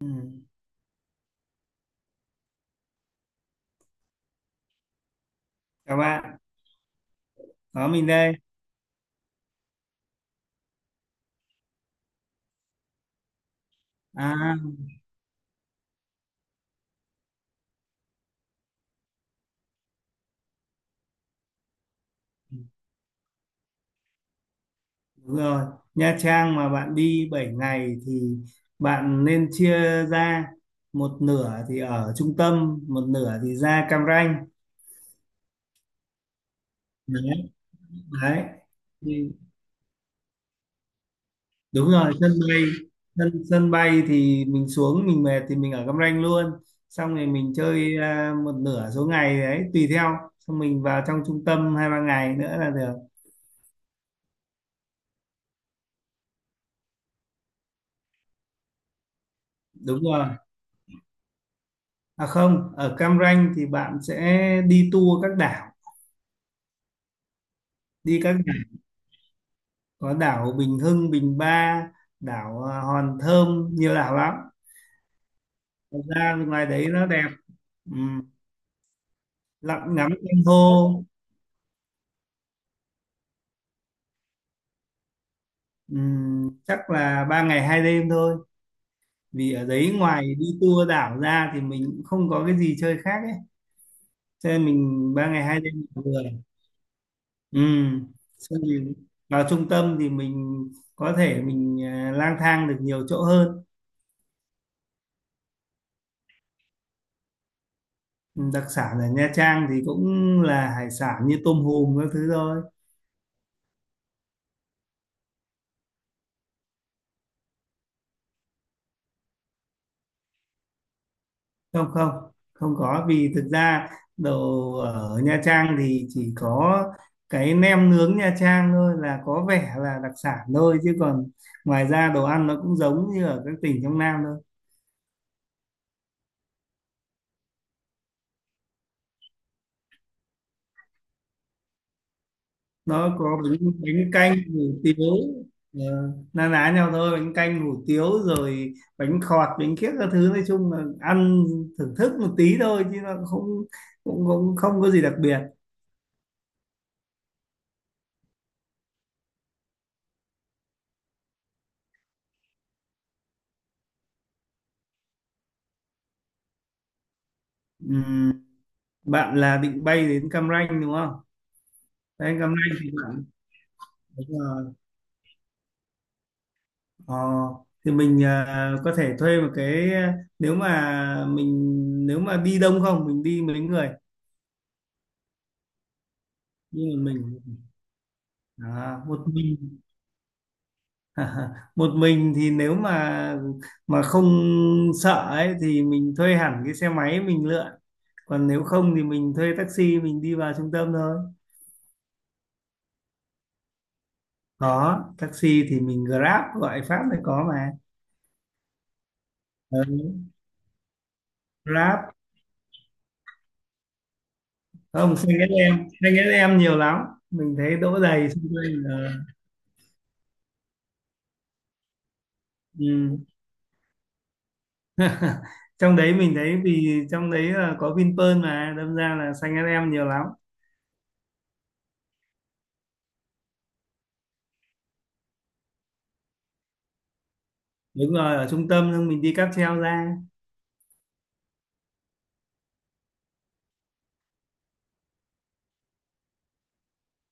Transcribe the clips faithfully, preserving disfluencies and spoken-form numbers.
Ừ. Chào bạn, có mình đây. À, đúng rồi. Nha Trang mà bạn đi bảy ngày thì bạn nên chia ra một nửa thì ở trung tâm, một nửa thì ra Cam Ranh. Đấy, đấy. Thì, đúng rồi, sân bay sân sân bay thì mình xuống mình mệt thì mình ở Cam Ranh luôn. Xong rồi mình chơi à, một nửa số ngày đấy tùy theo. Xong mình vào trong trung tâm hai ba ngày nữa là được. Đúng rồi. À không, ở Cam Ranh thì bạn sẽ đi tour các đảo, đi các đảo có đảo Bình Hưng, Bình Ba, đảo à, Hòn Thơm, nhiều đảo lắm. Thật ra ngoài đấy nó đẹp. Ừm, lặn ngắm san hô. Ừm, chắc là ba ngày hai đêm thôi. Vì ở đấy ngoài đi tour đảo ra thì mình cũng không có cái gì chơi khác ấy, cho nên mình ba ngày hai đêm là vừa. Ừm, xong thì vào trung tâm thì mình có thể mình à, lang thang được nhiều chỗ hơn. Ừ, đặc sản ở Nha Trang thì cũng là hải sản như tôm hùm các thứ thôi. Không, không, không có vì thực ra đồ ở Nha Trang thì chỉ có cái nem nướng Nha Trang thôi là có vẻ là đặc sản thôi chứ còn ngoài ra đồ ăn nó cũng giống như ở các tỉnh trong Nam thôi. Nó có bánh, bánh canh hủ tiếu. ờ, Na ná nhau thôi bánh canh hủ tiếu rồi bánh khọt bánh kiếc các thứ nói chung là ăn thưởng thức một tí thôi chứ nó không cũng cũng không có gì đặc biệt. Ừm, bạn là định bay đến Cam Ranh đúng không? Bay đến Cam Ranh thì bạn đúng rồi. ờ, thì mình à, có thể thuê một cái, nếu mà mình, nếu mà đi đông không, mình đi mấy người? Nhưng mà mình à, một mình. À, Một mình thì nếu mà mà không sợ ấy thì mình thuê hẳn cái xe máy mình lượn, còn nếu không thì mình thuê taxi mình đi vào trung tâm thôi. Có taxi thì mình Grab, gọi Pháp thì có mà. Ừ. Grab không, xanh ét em, xanh ét em nhiều lắm, mình thấy đỗ đầy xung quanh. ờ, ừ, trong đấy mình thấy vì trong đấy là có Vinpearl mà đâm ra là xanh ét em nhiều lắm. Đúng rồi, ở trung tâm xong mình đi cáp treo ra.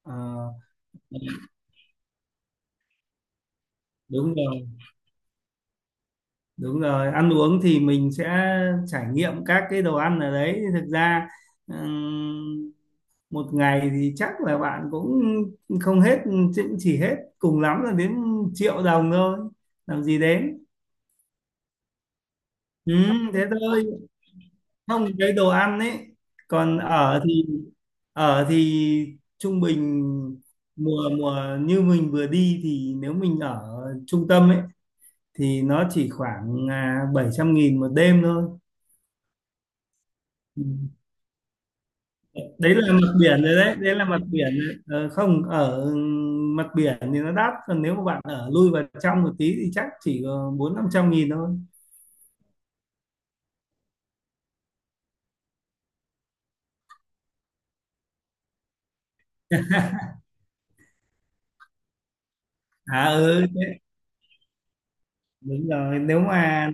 Ờ, đúng rồi. Đúng rồi, ăn uống thì mình sẽ trải nghiệm các cái đồ ăn ở đấy. Thực ra ừm, một ngày thì chắc là bạn cũng không hết, chứ chỉ hết cùng lắm là đến triệu đồng thôi. Làm gì đến? Ừ, thế thôi. Không, cái đồ ăn ấy. Còn ở thì, ở thì trung bình mùa mùa như mình vừa đi, thì nếu mình ở trung tâm ấy thì nó chỉ khoảng à, bảy trăm nghìn một đêm thôi. Đấy là mặt biển rồi đấy, đấy là mặt biển rồi. Ờ, không ở mặt biển thì nó đắt, còn nếu mà bạn ở lui vào trong một tí thì chắc chỉ có bốn năm trăm nghìn thôi. À ừ thế, đúng rồi, nếu mà,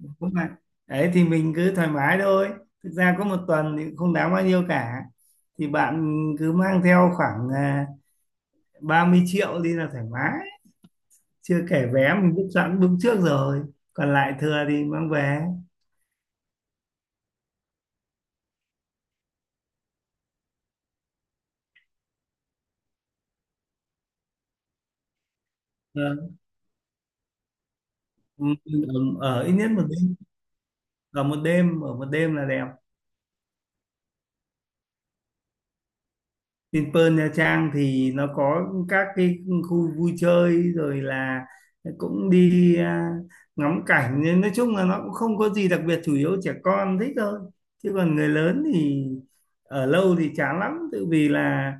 nếu mà đấy thì mình cứ thoải mái thôi. Thực ra có một tuần thì cũng không đáng bao nhiêu cả, thì bạn cứ mang theo khoảng à, ba mươi triệu đi là thoải mái. Chưa kể vé mình book sẵn, book trước rồi, còn lại thừa thì mang về. Ờ, ừ, ở, ở ít nhất một, ở một đêm, ở một đêm là đẹp. Trên Pearl Nha Trang thì nó có các cái khu vui chơi rồi, là cũng đi à, ngắm cảnh, nên nói chung là nó cũng không có gì đặc biệt, chủ yếu trẻ con thích thôi, chứ còn người lớn thì ở lâu thì chán lắm, tự vì là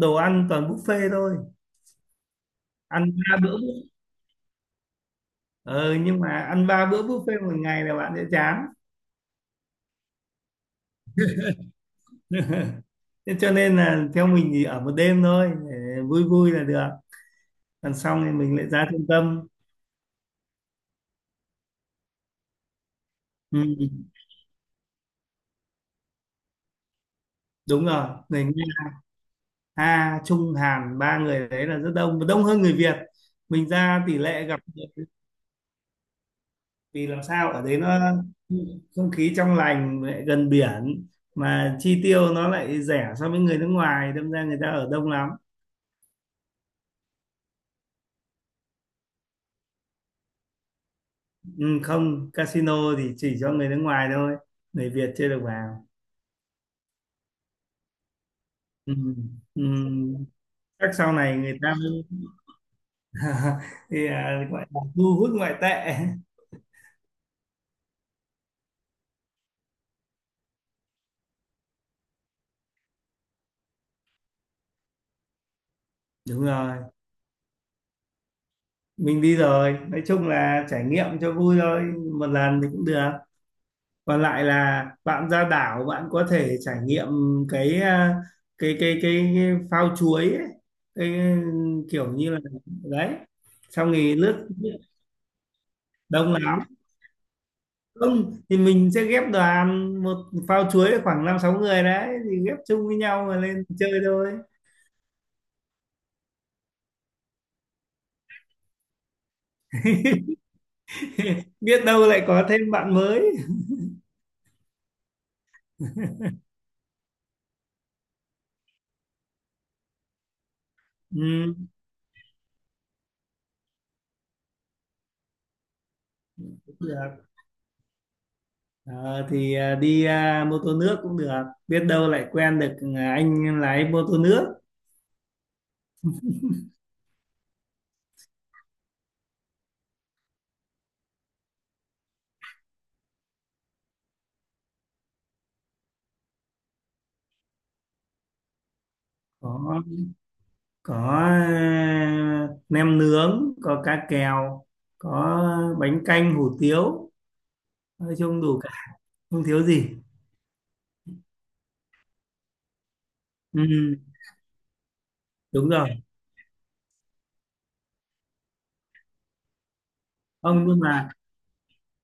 đồ ăn toàn buffet thôi. Ăn ba bữa bu- ờ, nhưng mà ăn ba bữa buffet một ngày là bạn sẽ chán. Thế cho nên là theo mình thì ở một đêm thôi để vui vui là được, còn xong thì mình lại ra trung tâm. Ừ, đúng rồi, người Nga, Nga Trung Hàn ba người đấy là rất đông và đông hơn người Việt. Mình ra tỷ lệ gặp người- vì làm sao ở đấy nó không khí trong lành, lại gần biển, mà chi tiêu nó lại rẻ so với người nước ngoài, đâm ra người ta ở đông lắm. Ừ, không, casino thì chỉ cho người nước ngoài thôi, người Việt chưa được vào. Ừ, ừ. Chắc sau này người ta mới thì à, gọi là thu hút ngoại tệ. Đúng rồi, mình đi rồi, nói chung là trải nghiệm cho vui thôi, một lần thì cũng được. Còn lại là bạn ra đảo, bạn có thể trải nghiệm cái à, cái cái cái, cái phao chuối ấy. Cái kiểu như là, đấy, xong thì lướt. Đông lắm, không thì mình sẽ ghép đoàn, một phao chuối khoảng năm sáu người đấy, thì ghép chung với nhau mà lên chơi thôi, biết đâu lại có thêm bạn mới. Ừ, cũng được. Ờ, thì à, đi à, mô tô nước cũng được, biết đâu lại quen được à, anh lái mô tô nước. có có à, nem nướng, có cá kèo, có bánh canh hủ tiếu, nói chung đủ cả, không thiếu gì. Ừ, đúng rồi. Không, nhưng mà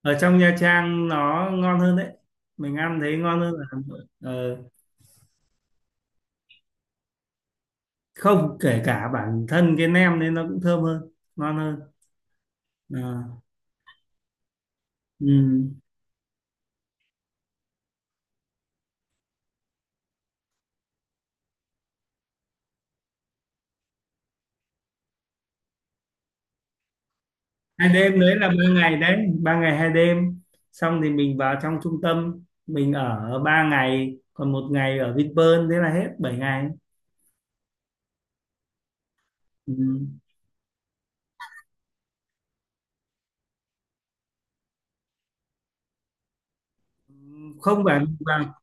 ở trong Nha Trang nó ngon hơn đấy, mình ăn thấy ngon hơn là Hà Nội. Ờ, không, kể cả bản thân cái nem nên nó cũng thơm hơn, ngon hơn. Ờ, ừ. Hai đêm đấy là ba ngày đấy. Ba ngày hai đêm, xong thì mình vào trong trung tâm. Mình ở ba ngày, còn một ngày ở Vinpearl, thế là hết bảy ngày. Ừ. Không phải, mình vào,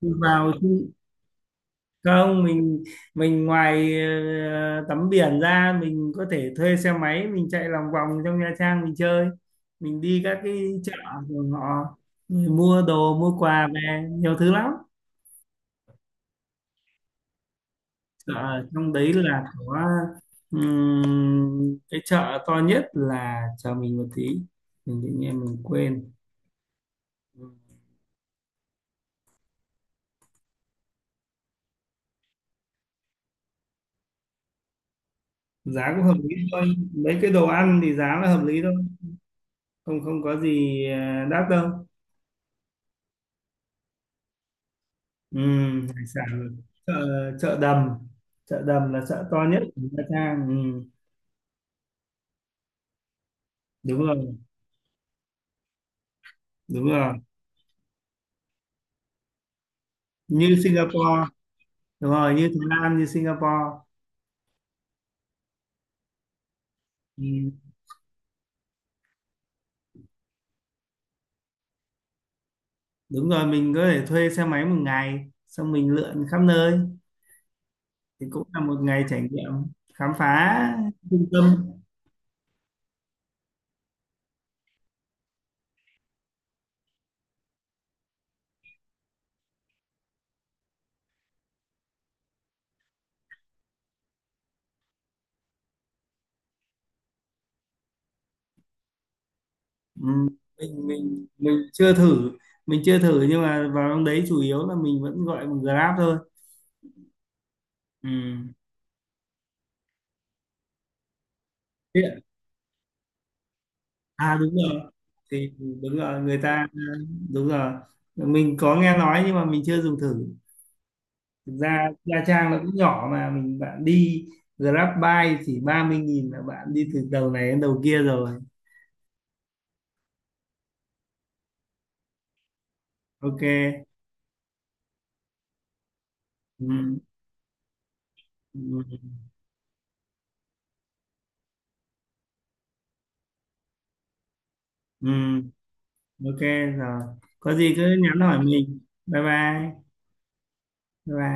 mình vào trung- không mình, mình ngoài ờ, tắm biển ra, mình có thể thuê xe máy mình chạy lòng vòng trong Nha Trang mình chơi. Mình đi các cái chợ của họ, người mua đồ mua quà về nhiều thứ lắm. Dạ, trong đấy là có ừm, cái chợ to nhất, là chờ mình một tí, mình tự nhiên mình quên. Ừm, giá cũng hợp lý thôi, mấy cái đồ ăn thì giá là hợp lý thôi, không, không có gì à, đắt đâu. Ừm, hải sản, chợ, chợ đầm, chợ đầm là chợ to nhất của Nha Trang. Ừm, đúng rồi. Đúng rồi, như Singapore. Đúng rồi, như Thái Lan, như Singapore. Ừm, đúng rồi, mình có thể thuê xe máy một ngày, xong mình lượn khắp nơi, thì cũng là một ngày trải nghiệm, khám phá trung tâm. Ừ, mình mình mình chưa thử, mình chưa thử, nhưng mà vào trong đấy chủ yếu là mình vẫn gọi bằng Grab thôi. Ừ. Thế ạ? À đúng rồi, thì đúng rồi, người ta đúng rồi, mình có nghe nói nhưng mà mình chưa dùng thử. Thực ra Nha Trang nó cũng nhỏ, mà mình, bạn đi Grab bike chỉ ba mươi nghìn là bạn đi từ đầu này đến đầu kia rồi. Ok, ừ. Ừ. Ừ. Ok, rồi, có gì cứ nhắn hỏi mình. Bye bye, bye bye.